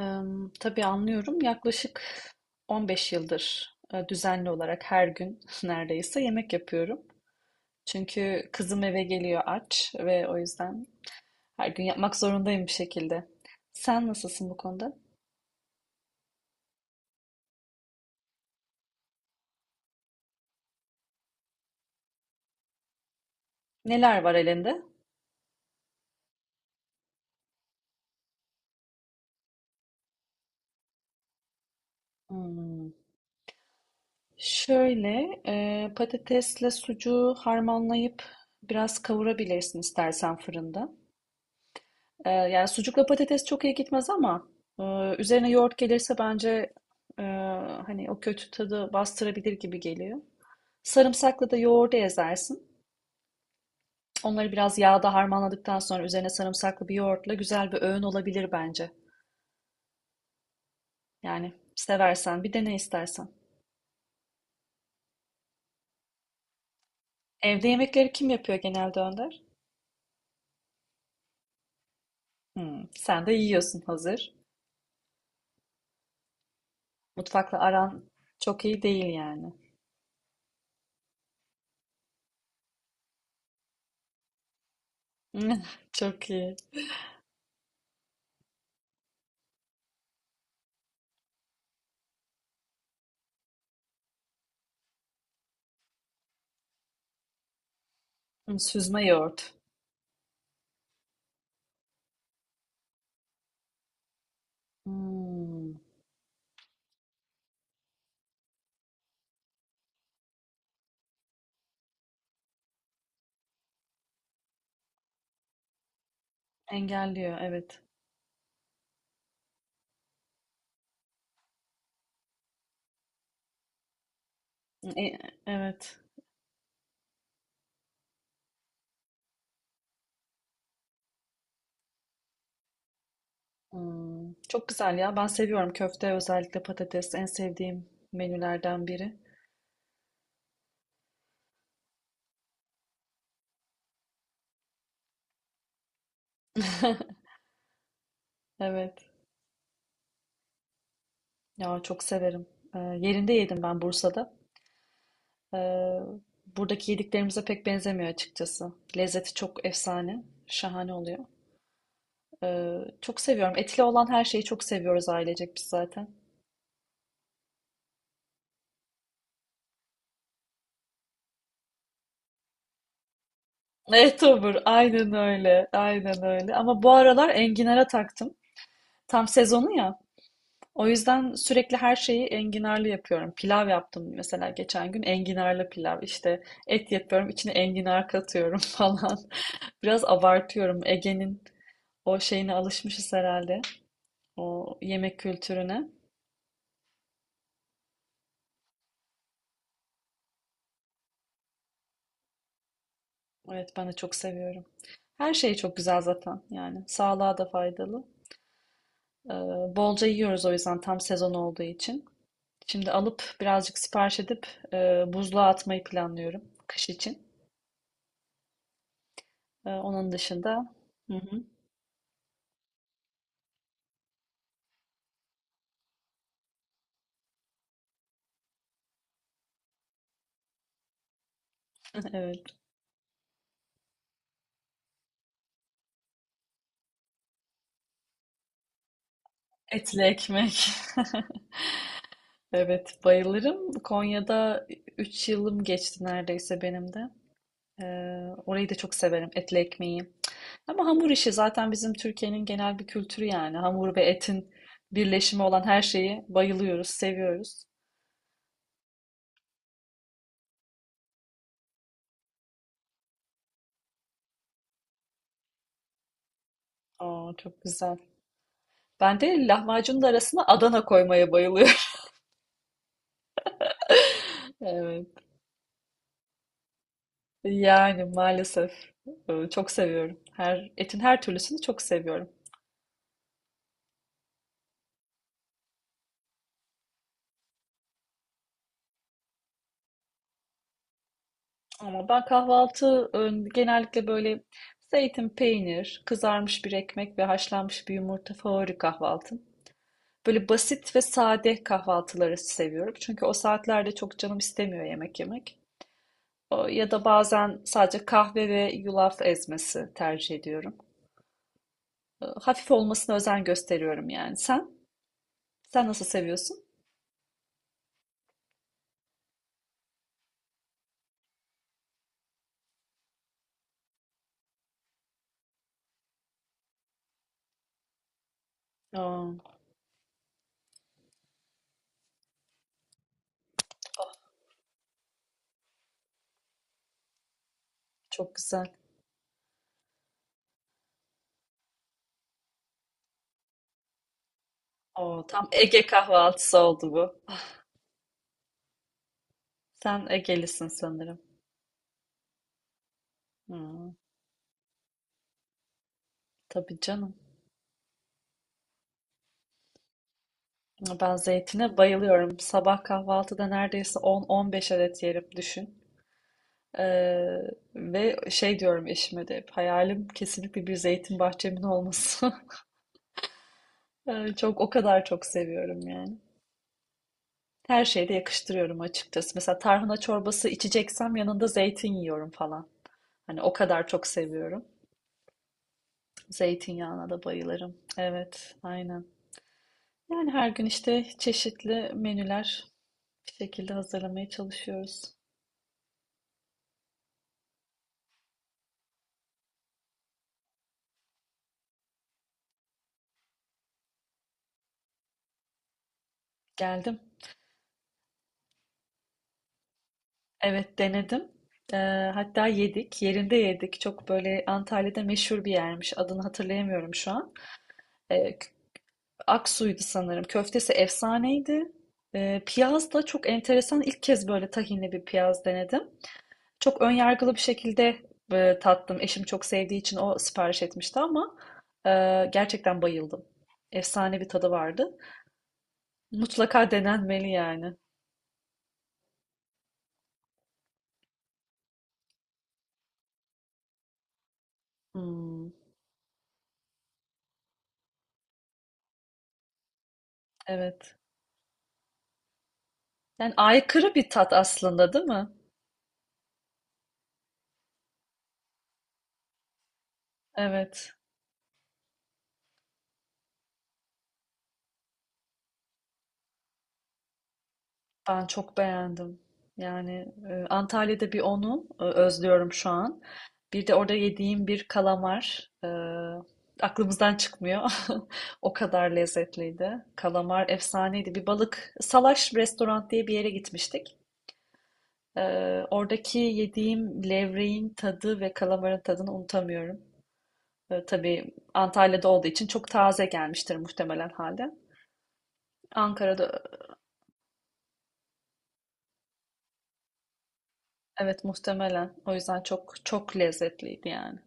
Tabii anlıyorum. Yaklaşık 15 yıldır düzenli olarak her gün neredeyse yemek yapıyorum. Çünkü kızım eve geliyor aç ve o yüzden her gün yapmak zorundayım bir şekilde. Sen nasılsın bu konuda? Neler var elinde? Hmm. Şöyle patatesle sucuğu harmanlayıp biraz kavurabilirsin istersen fırında. Yani sucukla patates çok iyi gitmez ama e, üzerine yoğurt gelirse bence e, hani o kötü tadı bastırabilir gibi geliyor. Sarımsakla da yoğurdu ezersin. Onları biraz yağda harmanladıktan sonra üzerine sarımsaklı bir yoğurtla güzel bir öğün olabilir bence. Yani seversen bir dene istersen. Evde yemekleri kim yapıyor genelde Önder? Hmm, sen de yiyorsun hazır. Mutfakla aran çok iyi değil yani. Çok iyi. Hmm, süzme yoğurt. Hmm, engelliyor, evet. E, evet. Hmm, çok güzel ya. Ben seviyorum köfte özellikle patates en sevdiğim menülerden biri. Evet. Ya çok severim. Yerinde yedim ben Bursa'da. Ee, Buradaki yediklerimize pek benzemiyor açıkçası. Lezzeti çok efsane. Şahane oluyor. Çok seviyorum. Etli olan her şeyi çok seviyoruz ailecek biz zaten. Evet, olur. Aynen öyle. Aynen öyle. Ama bu aralar enginara taktım. Tam sezonu ya. O yüzden sürekli her şeyi enginarlı yapıyorum. Pilav yaptım mesela geçen gün enginarlı pilav. İşte et yapıyorum, içine enginar katıyorum falan. Biraz abartıyorum. Ege'nin o şeyine alışmışız herhalde. O yemek kültürüne. Evet, ben de çok seviyorum. Her şey çok güzel zaten yani. Sağlığa da faydalı. Ee, Bolca yiyoruz o yüzden tam sezon olduğu için. Şimdi alıp birazcık sipariş edip buzluğa atmayı planlıyorum kış için. Onun dışında... Hı hı, evet. Etli ekmek. Evet, bayılırım. Konya'da 3 yılım geçti neredeyse benim de. Ee, Orayı da çok severim, etli ekmeği. Ama hamur işi zaten bizim Türkiye'nin genel bir kültürü yani. Hamur ve etin birleşimi olan her şeyi bayılıyoruz, seviyoruz. Aa, çok güzel. Ben de lahmacunun da arasına Adana koymaya bayılıyorum. Evet. Yani maalesef. Çok seviyorum. Her, etin her türlüsünü çok seviyorum. Ama ben kahvaltı genellikle böyle zeytin, peynir, kızarmış bir ekmek ve haşlanmış bir yumurta favori kahvaltım. Böyle basit ve sade kahvaltıları seviyorum. Çünkü o saatlerde çok canım istemiyor yemek yemek. Ya da bazen sadece kahve ve yulaf ezmesi tercih ediyorum. Hafif olmasına özen gösteriyorum yani. Sen? Sen nasıl seviyorsun? Aa, çok güzel. Oo, tam Ege kahvaltısı oldu bu. Sen Egelisin sanırım. Hmm, tabii canım. Ben zeytine bayılıyorum. Sabah kahvaltıda neredeyse 10-15 adet yerim düşün. Ee, Ve şey diyorum eşime de hep, hayalim kesinlikle bir zeytin bahçemin olması. Çok o kadar çok seviyorum yani. Her şeyde yakıştırıyorum açıkçası. Mesela tarhana çorbası içeceksem yanında zeytin yiyorum falan. Hani o kadar çok seviyorum. Zeytinyağına da bayılırım. Evet, aynen. Yani her gün işte çeşitli menüler bir şekilde hazırlamaya çalışıyoruz. Geldim. Evet, denedim. Hatta yedik. Yerinde yedik. Çok böyle Antalya'da meşhur bir yermiş. Adını hatırlayamıyorum şu an. Eee, K- Aksu'ydu sanırım. Köftesi efsaneydi. Piyaz da çok enteresan. İlk kez böyle tahinli bir piyaz denedim. Çok önyargılı bir şekilde tattım. Eşim çok sevdiği için o sipariş etmişti ama gerçekten bayıldım. Efsane bir tadı vardı. Mutlaka denenmeli yani. Hmm, evet. Yani aykırı bir tat aslında, değil mi? Evet. Ben çok beğendim. Yani Antalya'da bir onu özlüyorum şu an. Bir de orada yediğim bir kalamar aklımızdan çıkmıyor. O kadar lezzetliydi. Kalamar efsaneydi. Bir balık salaş restoran diye bir yere gitmiştik. E, Oradaki yediğim levreğin tadı ve kalamarın tadını unutamıyorum. Tabii Antalya'da olduğu için çok taze gelmiştir muhtemelen halde. Ankara'da evet muhtemelen. O yüzden çok çok lezzetliydi yani.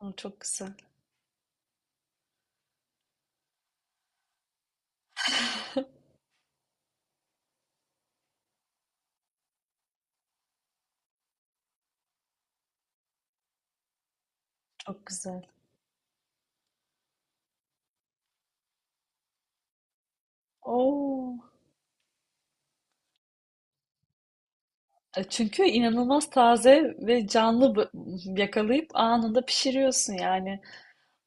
Aa, çok güzel, çok güzel. Oo. Çünkü inanılmaz taze ve canlı, yakalayıp anında pişiriyorsun yani.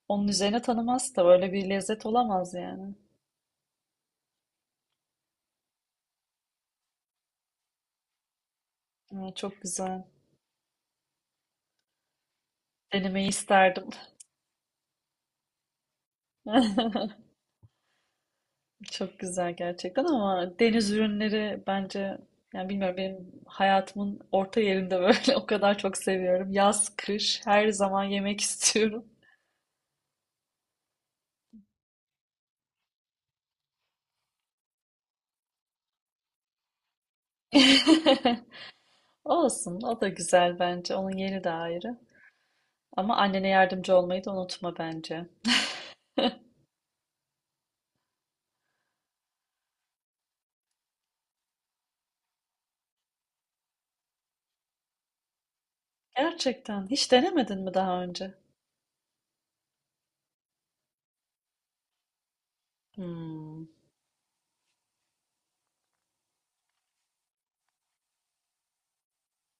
Onun üzerine tanımaz da böyle bir lezzet olamaz yani. Aa, çok güzel. Denemeyi isterdim. Çok güzel gerçekten ama deniz ürünleri bence yani bilmiyorum benim hayatımın orta yerinde böyle o kadar çok seviyorum. Yaz, kış her zaman yemek istiyorum. Olsun, o da güzel bence. Onun yeri de ayrı. Ama annene yardımcı olmayı da unutma bence. Gerçekten hiç denemedin mi daha önce? Hmm.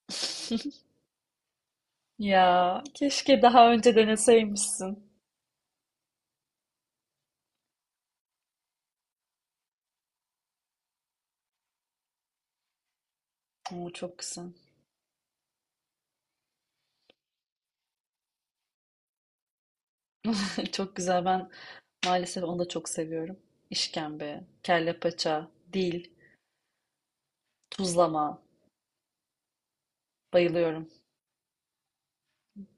Ya keşke daha önce deneseymişsin. Oo, çok güzel. Çok güzel. Ben maalesef onu da çok seviyorum. İşkembe, kelle paça, dil, tuzlama. Bayılıyorum.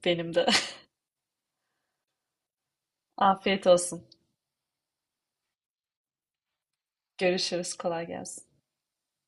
Benim de. Afiyet olsun. Görüşürüz. Kolay gelsin.